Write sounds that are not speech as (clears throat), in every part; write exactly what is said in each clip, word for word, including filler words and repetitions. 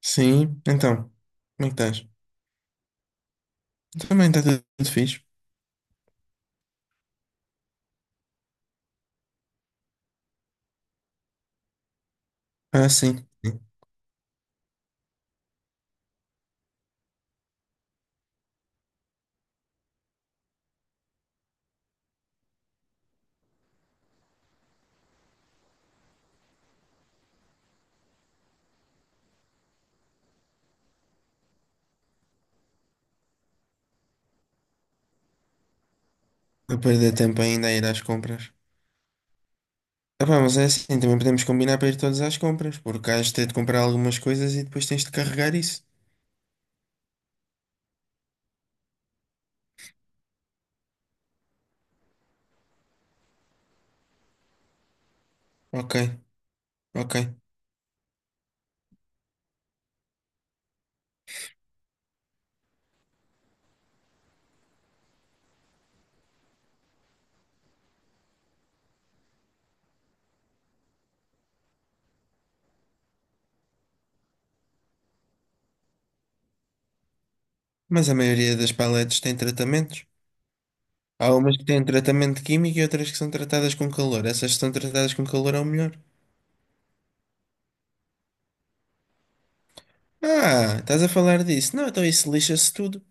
Sim, então, como é que estás? Também está tudo, tudo fixe. Ah, sim. A perder tempo ainda a ir às compras. Ah, pá, mas é assim, também podemos combinar para ir todos às compras, porque has de ter de comprar algumas coisas e depois tens de carregar isso. Ok, ok. Mas a maioria das paletes tem tratamentos. Há umas que têm tratamento químico e outras que são tratadas com calor. Essas que são tratadas com calor é o melhor. Ah, estás a falar disso? Não, então isso lixa-se tudo.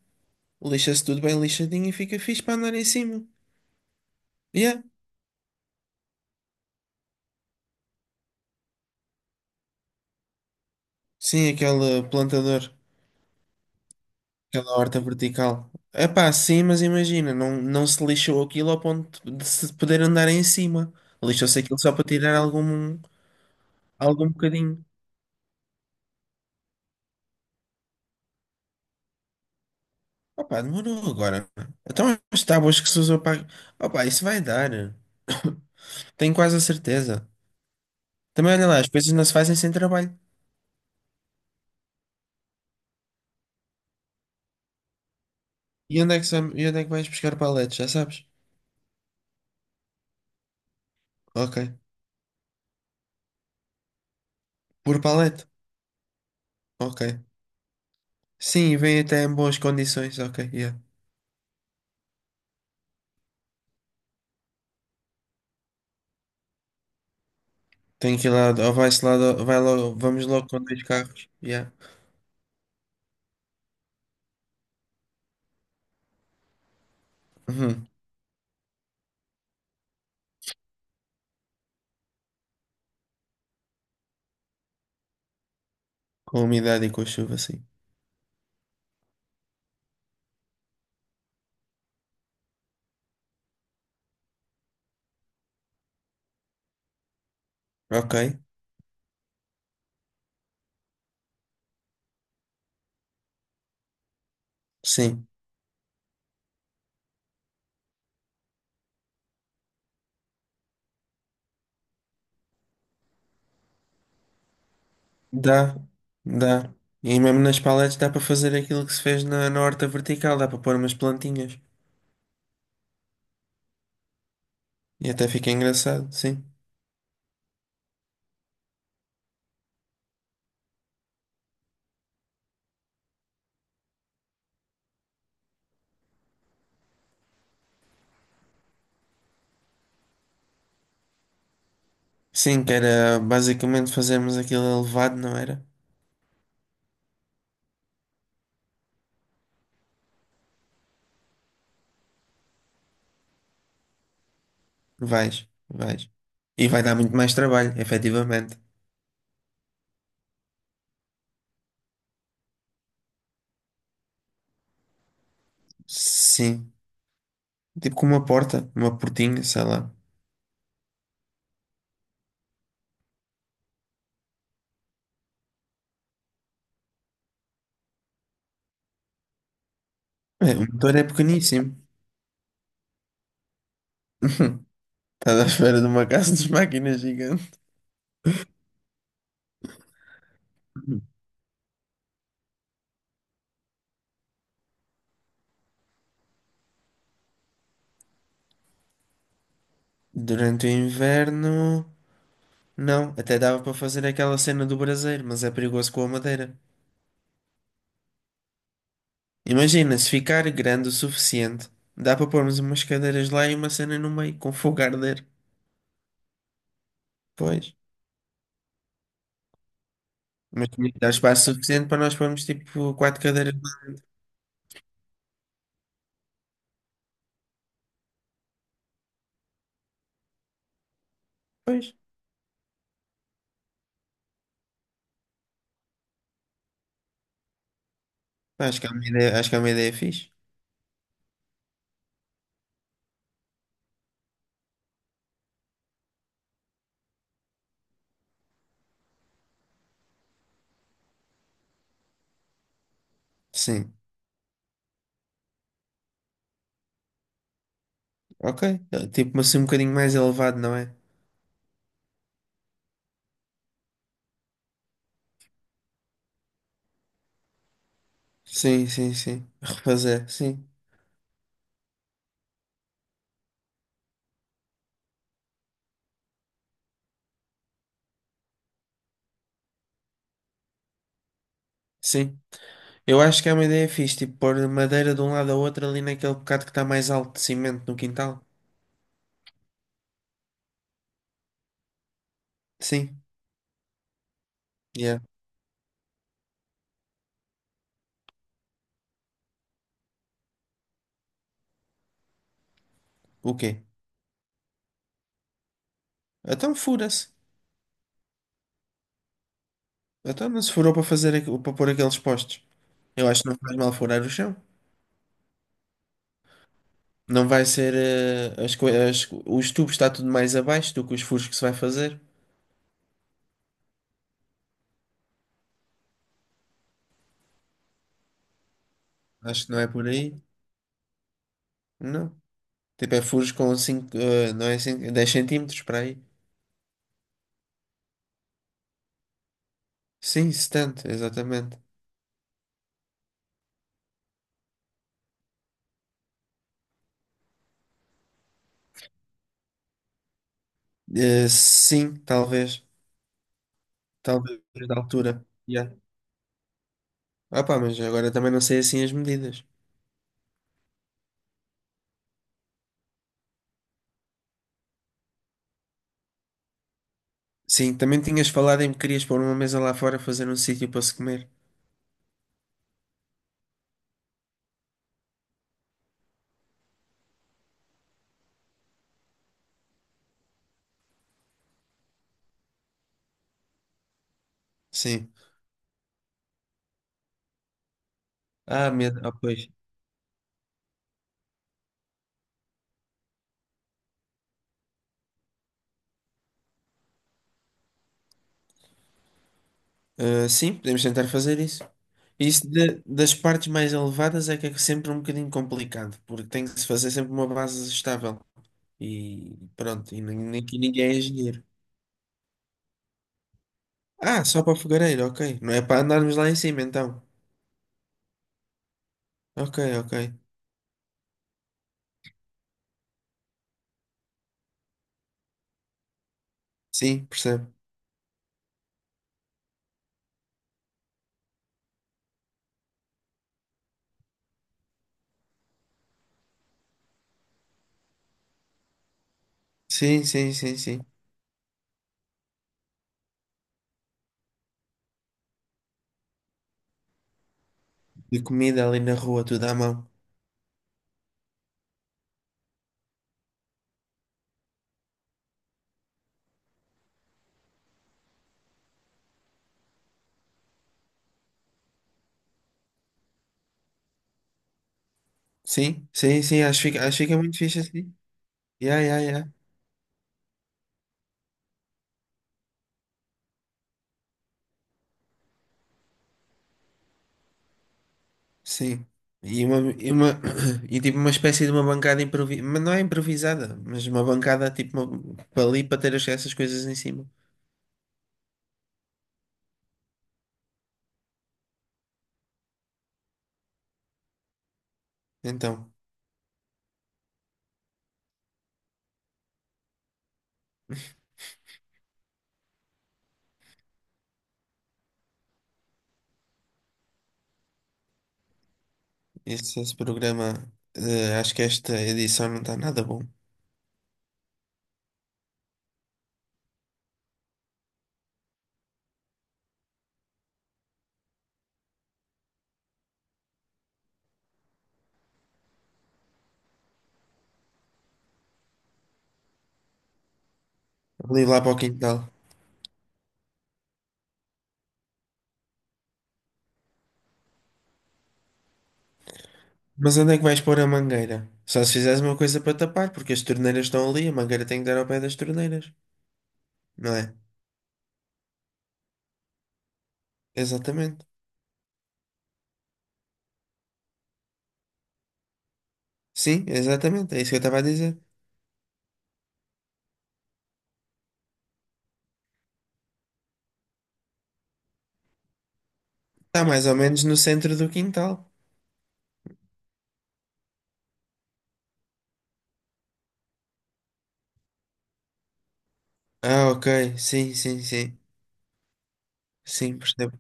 Lixa-se tudo bem lixadinho e fica fixe para andar em cima. Yeah, sim, aquele plantador. Aquela horta vertical. É pá, sim, mas imagina, não, não se lixou aquilo ao ponto de se poder andar em cima. Lixou-se aquilo só para tirar algum, algum bocadinho. Opá, demorou agora. Então as tábuas que se usou para. Opá, isso vai dar. (coughs) Tenho quase a certeza. Também olha lá, as coisas não se fazem sem trabalho. E onde é que, se- e onde é que vais buscar paletes? Já sabes? Ok. Por palete? Ok. Sim, e vem até em boas condições. Ok, yeah. Tem que ir lá, ou vai-se lá, ou vai logo, vamos logo com dois carros. Yeah. Uhum. Com a umidade e com a chuva, sim. Ok, sim. Dá, dá. E mesmo nas paletes dá para fazer aquilo que se fez na, na horta vertical, dá para pôr umas plantinhas. E até fica engraçado, sim. Sim, que era basicamente fazermos aquilo elevado, não era? Vais, vais. E vai dar muito mais trabalho, efetivamente. Sim. Tipo com uma porta, uma portinha, sei lá. É, o motor é pequeníssimo. (laughs) Estás à espera de uma casa de máquinas gigante. Durante o inverno. Não, até dava para fazer aquela cena do braseiro, mas é perigoso com a madeira. Imagina, se ficar grande o suficiente, dá para pormos umas cadeiras lá e uma cena no meio, com fogo a arder. Pois. Mas também dá espaço suficiente para nós pormos tipo quatro cadeiras lá depois. Acho que é uma ideia, acho que é uma ideia é fixe. Sim. Ok. É, tipo, mas assim um bocadinho mais elevado, não é? Sim, sim, sim. Refazer, sim. Sim. Eu acho que é uma ideia é fixe, tipo, pôr madeira de um lado ao outro ali naquele bocado que está mais alto de cimento no quintal. Sim. Yeah. O quê? Então fura-se. Então não se furou para fazer, aqu- para pôr aqueles postes. Eu acho que não faz mal furar o chão. Não vai ser, eh, as, coi- as- os tubos está tudo mais abaixo do que os furos que se vai fazer. Acho que não é por aí. Não. Tipo, é furos com cinco, não é cinco, dez centímetros para aí. Sim, setenta, exatamente. Eh, sim, talvez. Talvez da altura. Yeah. Ah pá, mas agora também não sei assim as medidas. Sim, também tinhas falado em que querias pôr uma mesa lá fora fazer um sítio para se comer. Sim. Ah, medo. Ah, pois. Ah, sim, podemos tentar fazer isso. Isso de- das partes mais elevadas é que é sempre um bocadinho complicado, porque tem que se fazer sempre uma base estável. E pronto, e nem, nem que ninguém é engenheiro. Ah, só para o fogareiro, ok. Não é para andarmos lá em cima, então. Ok, ok. Sim, percebo. Sim, sim, sim, sim. De comida ali na rua, tudo à mão. Sim, sim, sim, acho que fica, acho que fica muito fixe assim. Yeah, yeah, yeah. Sim. E uma, e uma, (clears throat) e tipo uma espécie de uma bancada improvisada, mas não é improvisada, mas uma bancada tipo uma- para ali para ter as- essas coisas em cima. Então, esse, esse programa, eh, acho que esta edição não está nada bom. Ali lá para o quintal. Mas onde é que vais pôr a mangueira? Só se fizeres uma coisa para tapar, porque as torneiras estão ali, a mangueira tem que dar ao pé das torneiras, não é? Exatamente. Sim, exatamente, é isso que eu estava a dizer. Está mais ou menos no centro do quintal. Ah, ok, sim, sim, sim. Sim, percebo.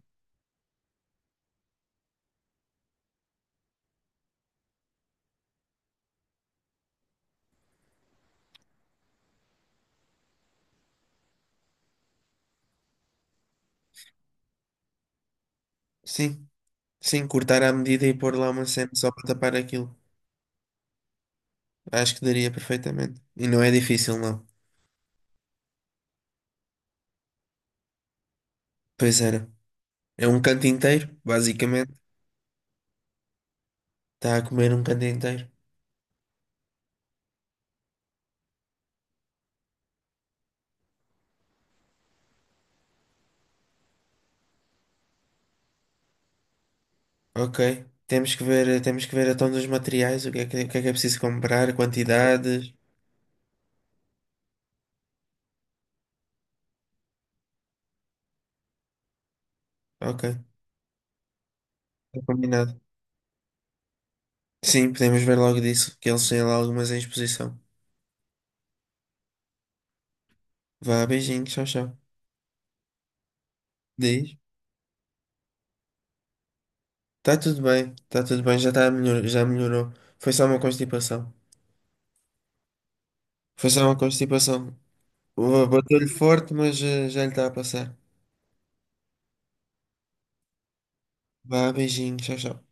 Sim, sim, cortar à medida e pôr lá uma cena só para tapar aquilo. Acho que daria perfeitamente. E não é difícil, não. Pois era. É um canto inteiro, basicamente. Está a comer um canto inteiro. Ok. Temos que ver, temos que ver a tom dos materiais, o que é que, o que é que é preciso comprar, quantidades. Ok. Está combinado. Sim, podemos ver logo disso, que eles têm lá algumas em exposição. Vá, beijinho, tchau, tchau. Diz. Está tudo bem, está tudo bem, já está melhor, já melhorou. Foi só uma constipação. Foi só uma constipação. Boa, bateu-lhe forte, mas eh, já lhe está a passar. Vá, beijinho, tchau, tchau.